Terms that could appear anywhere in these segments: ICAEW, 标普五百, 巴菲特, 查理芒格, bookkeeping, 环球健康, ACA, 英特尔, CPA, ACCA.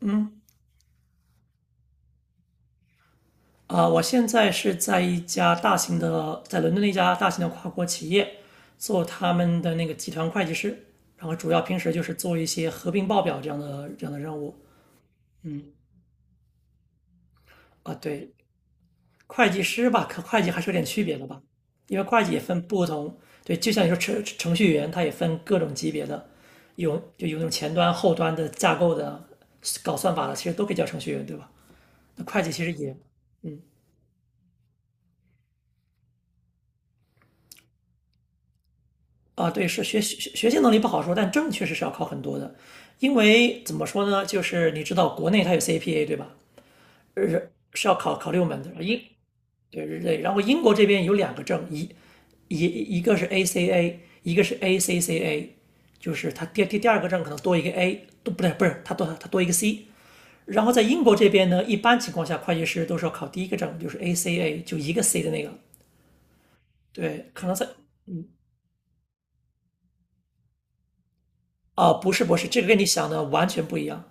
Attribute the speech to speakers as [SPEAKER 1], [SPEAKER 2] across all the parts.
[SPEAKER 1] 嗯，啊、我现在是在一家大型的，在伦敦的一家大型的跨国企业做他们的那个集团会计师，然后主要平时就是做一些合并报表这样的任务。嗯，啊，对，会计师吧，和会计还是有点区别的吧，因为会计也分不同，对，就像你说程序员，他也分各种级别的，就有那种前端、后端的架构的，搞算法的，其实都可以叫程序员，对吧？那会计其实也，嗯。啊，对，是学习能力不好说，但证确实是要考很多的，因为怎么说呢，就是你知道国内它有 CPA 对吧？是要考6门的，对对，然后英国这边有两个证，一个是 ACA，一个是 ACCA，就是它第二个证可能多一个 A，都不对，不是它多一个 C。然后在英国这边呢，一般情况下会计师都是要考第一个证，就是 ACA，就一个 C 的那个。对，可能在啊、不是博士，这个跟你想的完全不一样。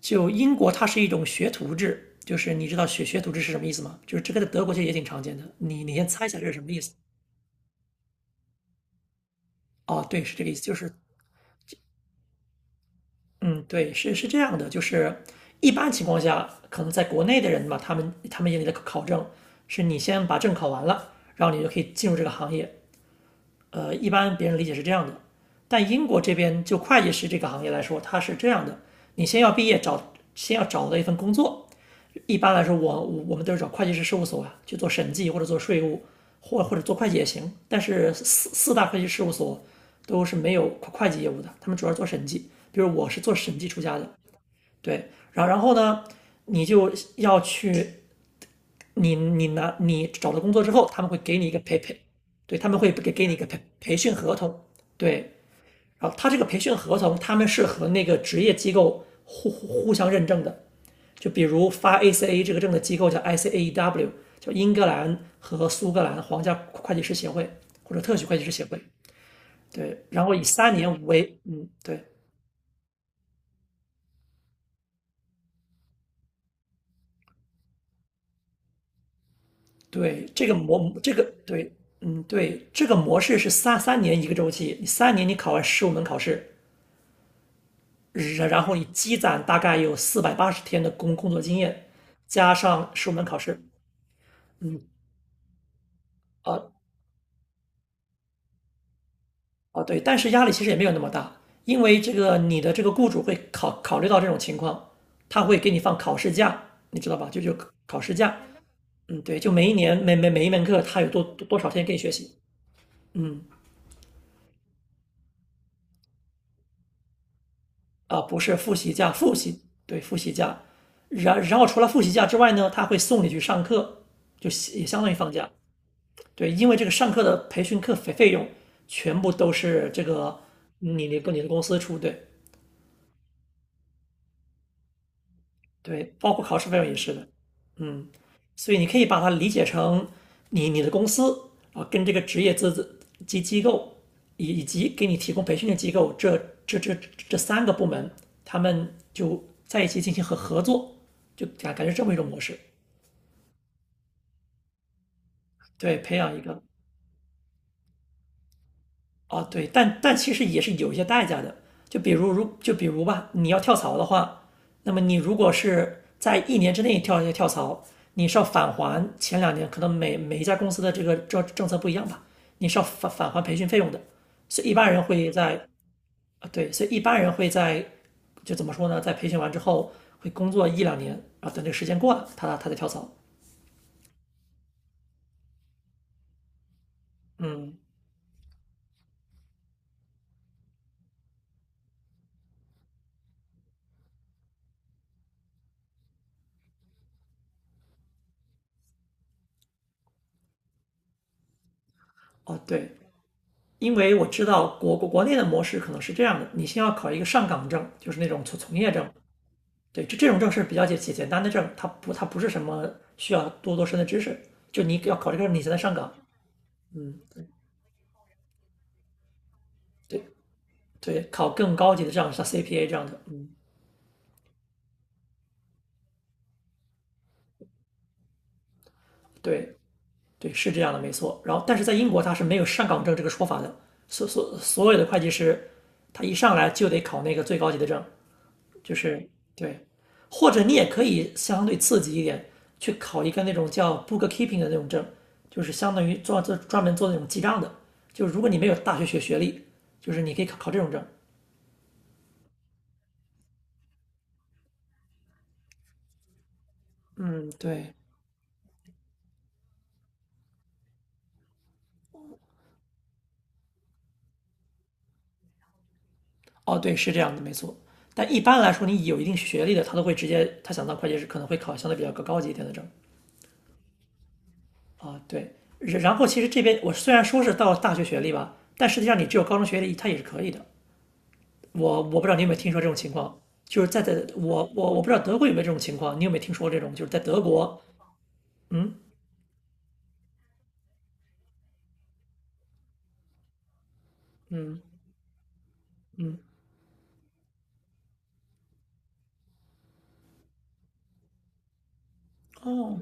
[SPEAKER 1] 就英国它是一种学徒制，就是你知道学徒制是什么意思吗？就是这个在德国其实也挺常见的。你先猜一下这是什么意思？哦，对，是这个意思，就是嗯，对，是这样的，就是一般情况下，可能在国内的人吧，他们眼里的考证是你先把证考完了，然后你就可以进入这个行业。一般别人理解是这样的，但英国这边就会计师这个行业来说，它是这样的：你先要毕业找，先要找到一份工作，一般来说我们都是找会计师事务所啊去做审计或者做税务，或者做会计也行。但是四大会计事务所都是没有会计业务的，他们主要做审计。比如我是做审计出家的，对。然后呢，你就要去你你拿你找到工作之后，他们会给你一个对，他们会给你一个培训合同，对。然后他这个培训合同，他们是和那个职业机构互相认证的。就比如发 ACA 这个证的机构叫 ICAEW，叫英格兰和苏格兰皇家会计师协会或者特许会计师协会。对，然后以三年为，嗯，对对，这个模这个对，嗯对，这个模式是三年一个周期，你三年你考完十五门考试，然后你积攒大概有480天的工作经验，加上十五门考试，嗯啊，哦，对，但是压力其实也没有那么大，因为这个你的这个雇主会考虑到这种情况，他会给你放考试假，你知道吧？就考试假，嗯，对，就每一年每一门课他有多少天给你学习，嗯，啊，不是复习假，复习，对，复习假，然后除了复习假之外呢，他会送你去上课，就也相当于放假，对，因为这个上课的培训课费用全部都是这个你跟你的公司出，对。对，包括考试费用也是的，嗯，所以你可以把它理解成你的公司啊，跟这个职业资质及机构以及给你提供培训的机构，这这这三个部门，他们就在一起进行合作，就感觉这么一种模式，对，培养一个啊，对，但其实也是有一些代价的。就比如如就比如吧，你要跳槽的话，那么你如果是在一年之内跳槽，你是要返还前两年可能每一家公司的这个政策不一样吧，你是要返还培训费用的。所以一般人会在所以一般人会在就怎么说呢，在培训完之后会工作一两年，然后等这个时间过了，他再跳槽。嗯，哦对，因为我知道国内的模式可能是这样的，你先要考一个上岗证，就是那种从业证，对，这种证是比较简单的证，它不是什么需要多深的知识，就你要考这个证你才能上岗，嗯，对对，考更高级的证像 CPA 这样的，嗯，对对，是这样的没错，然后但是在英国它是没有上岗证这个说法的，所有的会计师他一上来就得考那个最高级的证，就是，对，或者你也可以相对刺激一点，去考一个那种叫 bookkeeping 的那种证，就是相当于做专门做那种记账的。就是如果你没有大学学历，就是你可以考这种证。嗯，对，哦，对，是这样的，没错。但一般来说，你有一定学历的，他都会直接，他想当会计师可能会考相对比较高级一点的证啊。对，然后其实这边我虽然说是到大学学历吧，但实际上你只有高中学历，他也是可以的。我不知道你有没有听说这种情况，就是在我不知道德国有没有这种情况，你有没有听说这种？就是在德国，嗯，哦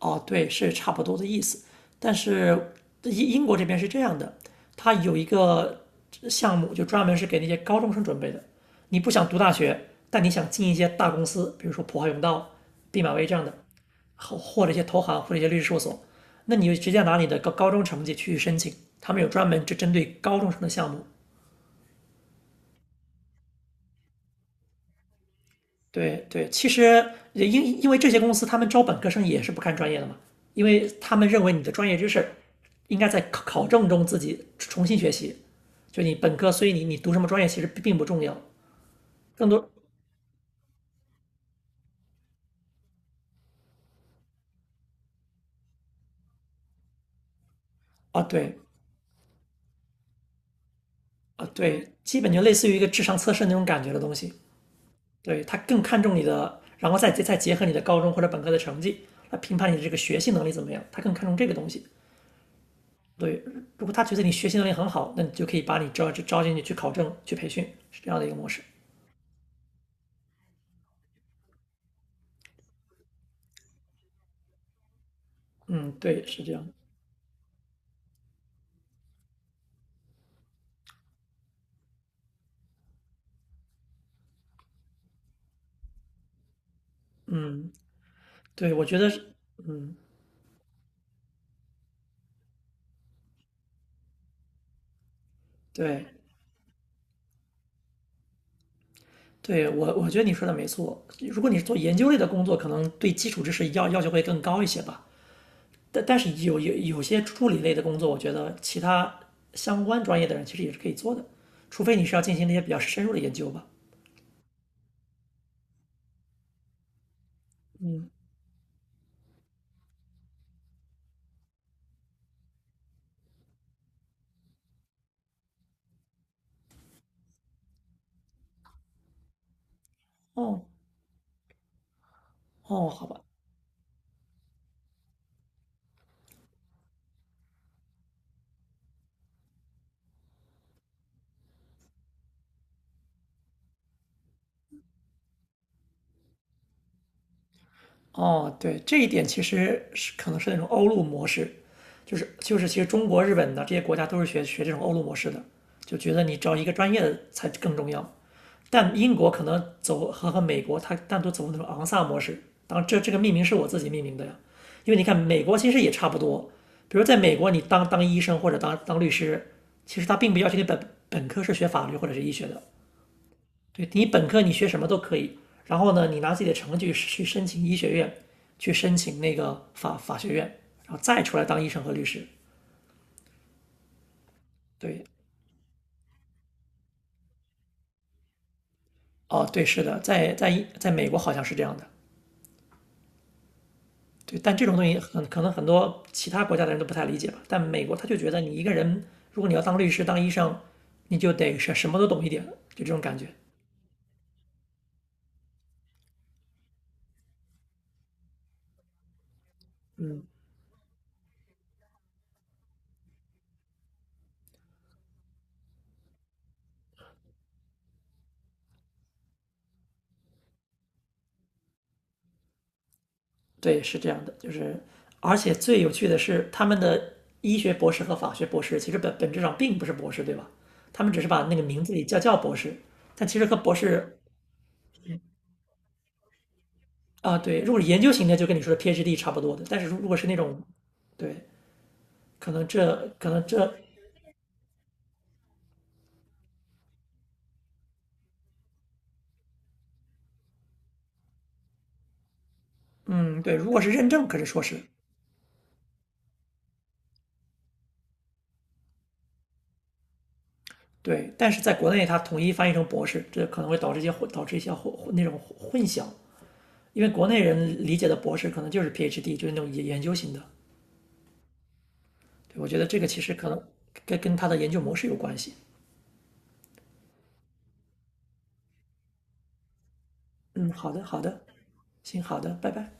[SPEAKER 1] 哦，对，是差不多的意思。但是英国这边是这样的，它有一个项目就专门是给那些高中生准备的。你不想读大学，但你想进一些大公司，比如说普华永道、毕马威这样的，或者一些投行或者一些律师事务所，那你就直接拿你的高中成绩去申请，他们有专门就针对高中生的项目。对对，其实也因为这些公司他们招本科生也是不看专业的嘛，因为他们认为你的专业知识应该在考证中自己重新学习，就你本科，所以你读什么专业其实并不重要，更多，啊对啊对，基本就类似于一个智商测试那种感觉的东西，对，他更看重你的，然后再结合你的高中或者本科的成绩来评判你的这个学习能力怎么样，他更看重这个东西。对，如果他觉得你学习能力很好，那你就可以把你招进去去考证、去培训，是这样的一个模式。嗯，对，是这样的。嗯，对，我觉得是，嗯，对，对我觉得你说的没错。如果你是做研究类的工作，可能对基础知识要求会更高一些吧。但是有些助理类的工作，我觉得其他相关专业的人其实也是可以做的，除非你是要进行那些比较深入的研究吧。哦哦，好吧。哦，对，这一点其实是可能是那种欧陆模式，就是其实中国、日本的这些国家都是学这种欧陆模式的，就觉得你找一个专业的才更重要。但英国可能走和美国，它单独走那种昂萨模式。当然这个命名是我自己命名的呀，因为你看美国其实也差不多，比如在美国你当医生或者当律师，其实他并不要求你本科是学法律或者是医学的，对你本科你学什么都可以，然后呢，你拿自己的成绩去申请医学院，去申请那个法学院，然后再出来当医生和律师。对，哦，对，是的，在美国好像是这样的。对，但这种东西很可能很多其他国家的人都不太理解吧。但美国他就觉得你一个人，如果你要当律师、当医生，你就得是什么都懂一点，就这种感觉。对，是这样的，就是而且最有趣的是，他们的医学博士和法学博士其实本质上并不是博士，对吧？他们只是把那个名字里叫博士，但其实和博士啊，对，如果是研究型的，就跟你说的 PhD 差不多的，但是如果是那种，对，可能这，嗯，对，如果是认证，可是硕士，对，但是在国内它统一翻译成博士，这可能会导致一些导致一些那种混淆，因为国内人理解的博士可能就是 PhD，就是那种研究型的。对，我觉得这个其实可能跟他的研究模式有关系。嗯，好的，好的，行，好的，拜拜。